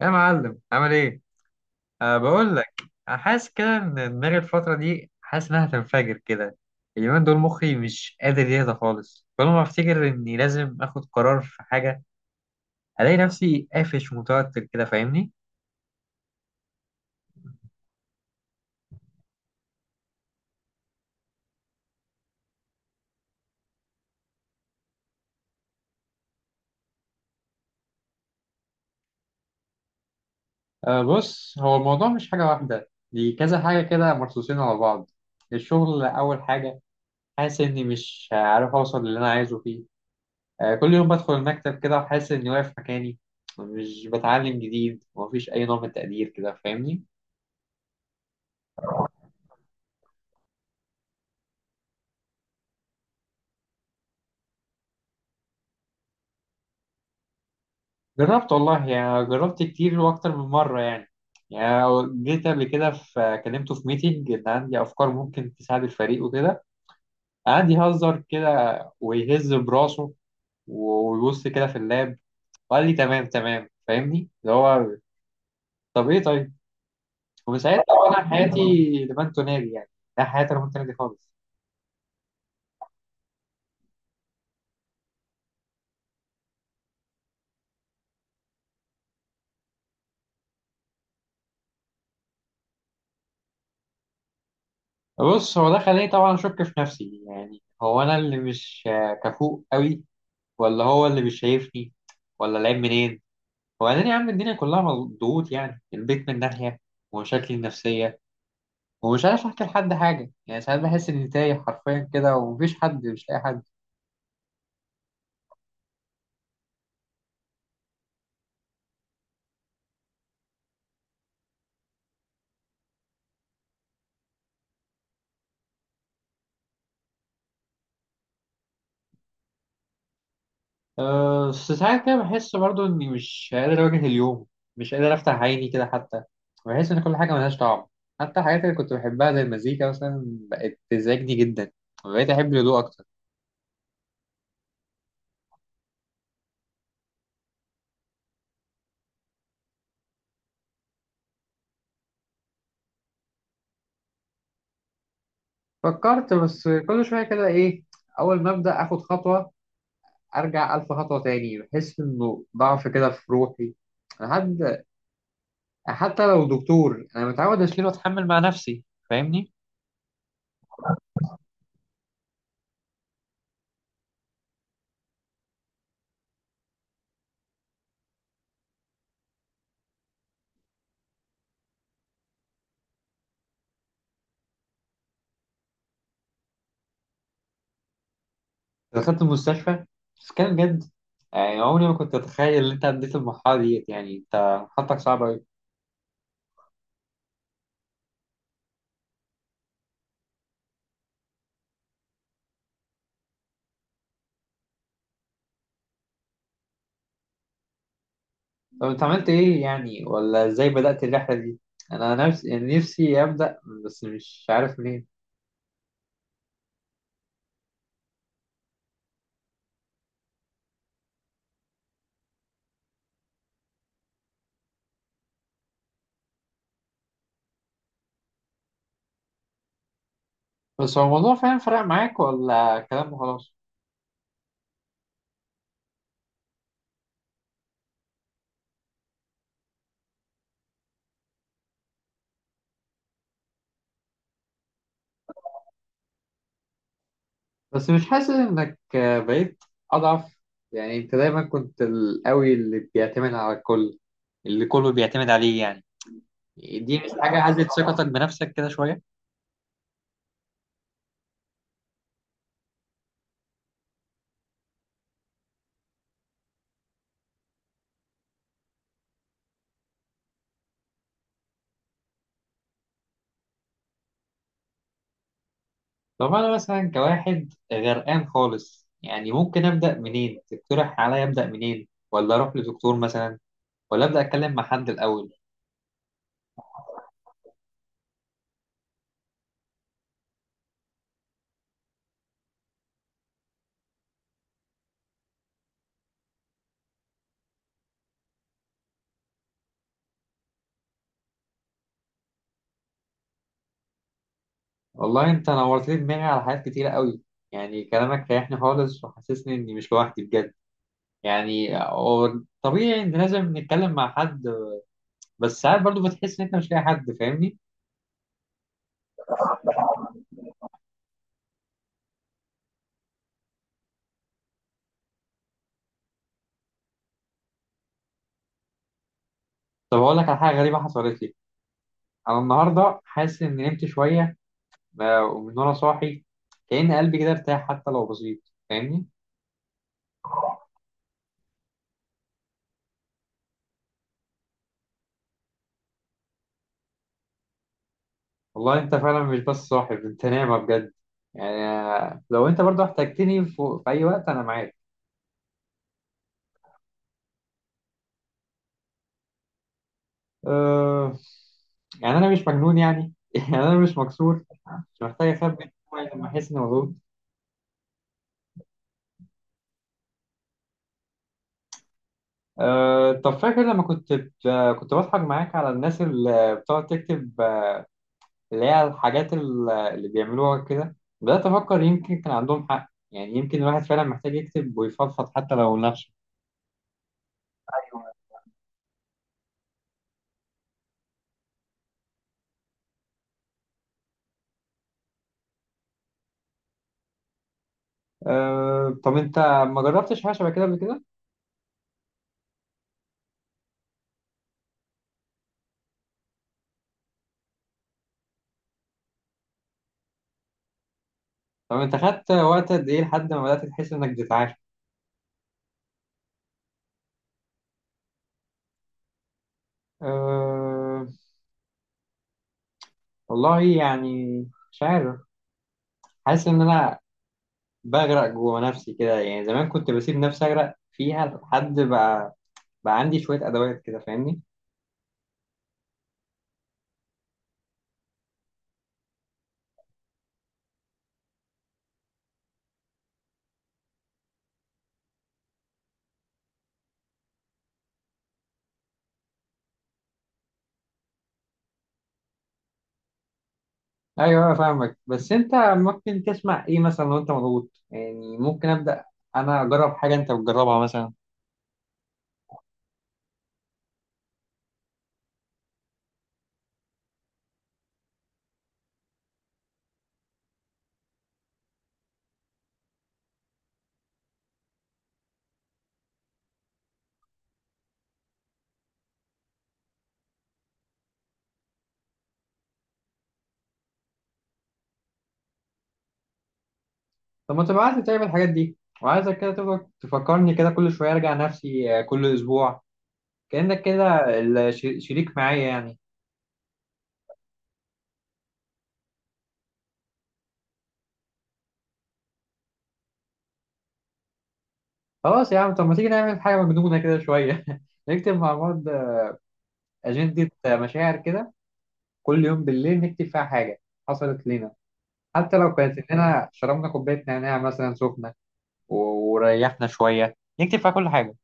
يا معلم، عامل ايه؟ أه، بقول لك. حاسس كده ان دماغي الفترة دي، حاسس انها هتنفجر كده. اليومين دول مخي مش قادر يهدى خالص. كل ما افتكر اني لازم اخد قرار في حاجة، الاقي نفسي قافش ومتوتر كده، فاهمني؟ آه، بص، هو الموضوع مش حاجة واحدة، دي كذا حاجة كده مرصوصين على بعض. الشغل أول حاجة، حاسس إني مش عارف أوصل للي أنا عايزه فيه. آه، كل يوم بدخل المكتب كده وحاسس إني واقف مكاني، مش بتعلم جديد ومفيش أي نوع من التقدير كده، فاهمني. جربت والله، يعني جربت كتير واكتر من مره يعني. يعني جيت قبل كده في كلمته في ميتنج ان عندي افكار ممكن تساعد الفريق وكده. قعد يهزر كده ويهز براسه ويبص كده في اللاب، وقال لي تمام تمام، فاهمني؟ اللي هو طب ايه طيب. ومن ساعتها طبعا حياتي لمن تنادي يعني. لا، حياتي لمن تنادي خالص. بص، هو ده خلاني طبعا اشك في نفسي. يعني هو انا اللي مش كفؤ قوي، ولا هو اللي مش شايفني، ولا العيب منين؟ وبعدين يا عم، الدنيا كلها مضغوط يعني. البيت من ناحية، ومشاكلي النفسية، ومش عارف أحكي لحد حاجة. يعني ساعات بحس إني تايه حرفيا كده ومفيش حد، مش لاقي حد. أه، بس ساعات كده بحس برضو إني مش قادر أواجه اليوم، مش قادر أفتح عيني كده حتى. بحس إن كل حاجة ملهاش طعم، حتى الحاجات اللي كنت بحبها زي المزيكا مثلا، بقت تزعجني جدا، وبقيت أحب الهدوء أكتر. فكرت، بس كل شوية كده إيه، أول ما أبدأ آخد خطوة، ارجع الف خطوه تاني. بحس انه ضعف كده في روحي. انا حد، حتى لو دكتور، انا متعود اشيل واتحمل مع نفسي، فاهمني. دخلت المستشفى؟ بس كان بجد؟ يعني عمري ما كنت اتخيل ان انت عديت المرحله ديت. يعني انت حالتك صعبه قوي. طب انت عملت ايه يعني؟ ولا ازاي بدات الرحله دي؟ انا نفسي، يعني نفسي ابدا، بس مش عارف منين. بس هو الموضوع فعلا فرق معاك، ولا كلام وخلاص؟ بس مش حاسس انك بقيت اضعف؟ يعني انت دايما كنت القوي اللي بيعتمد على الكل، اللي كله بيعتمد عليه يعني. دي مش حاجة هزت ثقتك بنفسك كده شوية؟ طب انا مثلا كواحد غرقان خالص يعني، ممكن ابدأ منين؟ تقترح عليا ابدأ منين؟ ولا اروح لدكتور مثلا، ولا ابدأ اتكلم مع حد الاول؟ والله انت نورت لي دماغي على حاجات كتيرة قوي. يعني كلامك ريحني خالص وحسسني اني مش لوحدي بجد. يعني هو طبيعي ان لازم نتكلم مع حد، بس ساعات برضو بتحس ان انت مش لاقي حد، فاهمني. طب اقول لك على حاجه غريبه حصلت لي. انا النهارده حاسس اني نمت شويه. ومن وانا صاحي، كأن قلبي كده ارتاح، حتى لو بسيط، فاهمني. والله انت فعلا مش بس صاحي، انت نايمه بجد. يعني آه، لو انت برضو احتجتني في اي وقت انا معاك. أه... يعني انا مش مجنون يعني يعني انا مش مكسور، مش محتاج اخبي لما احس اني مضغوط. طب فاكر لما كنت بضحك معاك على الناس اللي بتقعد تكتب، اللي هي الحاجات اللي بيعملوها كده؟ بدأت أفكر يمكن كان عندهم حق. يعني يمكن الواحد فعلا محتاج يكتب ويفضفض حتى لو لنفسه. أه طب أنت، ما جربتش حاجة شبه كده قبل كده؟ طب أنت خدت وقت قد إيه لحد ما بدأت تحس إنك بتتعافى؟ أه، والله يعني مش عارف. حاسس إن أنا بغرق جوه نفسي كده. يعني زمان كنت بسيب نفسي أغرق فيها، لحد بقى بقى عندي شوية أدوات كده، فاهمني؟ ايوه انا فاهمك، بس انت ممكن تسمع ايه مثلا لو انت مضغوط؟ يعني ممكن ابدا انا اجرب حاجه انت بتجربها مثلا. طب ما تبعت لي طيب الحاجات دي، وعايزك كده تفكر تفكرني كده كل شويه ارجع نفسي. آه، كل اسبوع، كانك كده شريك معايا يعني. خلاص يا عم، طب ما تيجي نعمل حاجه مجنونه كده شويه نكتب مع بعض اجنده مشاعر كده. كل يوم بالليل نكتب فيها حاجه حصلت لنا، حتى لو كانت اننا شربنا كوبايه نعناع مثلا سخنه وريحنا شويه، نكتب فيها كل حاجه.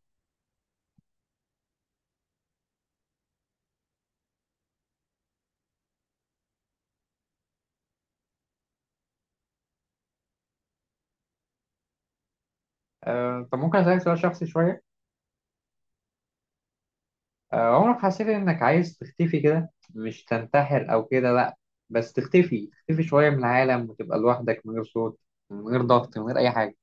آه، طب ممكن أسألك سؤال شخصي شوية؟ آه، عمرك حسيت إنك عايز تختفي كده؟ مش تنتحر أو كده، لأ، بس تختفي، تختفي شوية من العالم، وتبقى لوحدك من غير صوت، من غير ضغط، من غير أي حاجة.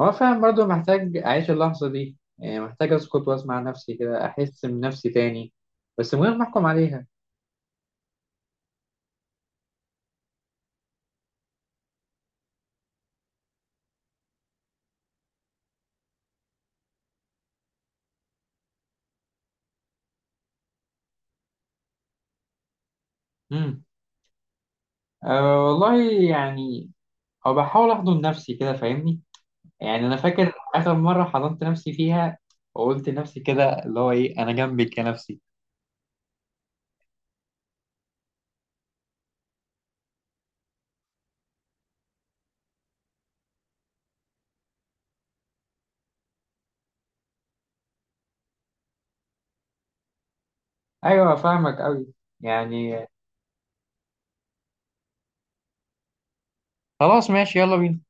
هو فعلا برضو محتاج أعيش اللحظة دي. يعني محتاج أسكت وأسمع نفسي كده، أحس بنفسي تاني، بس من غير ما أحكم عليها. مم. أه والله. يعني أو بحاول أحضن نفسي كده، فاهمني. يعني أنا فاكر آخر مرة حضنت نفسي فيها، وقلت لنفسي كده اللي هو إيه، أنا جنبك يا نفسي. ايوه فاهمك قوي يعني. خلاص، ماشي، يلا بينا.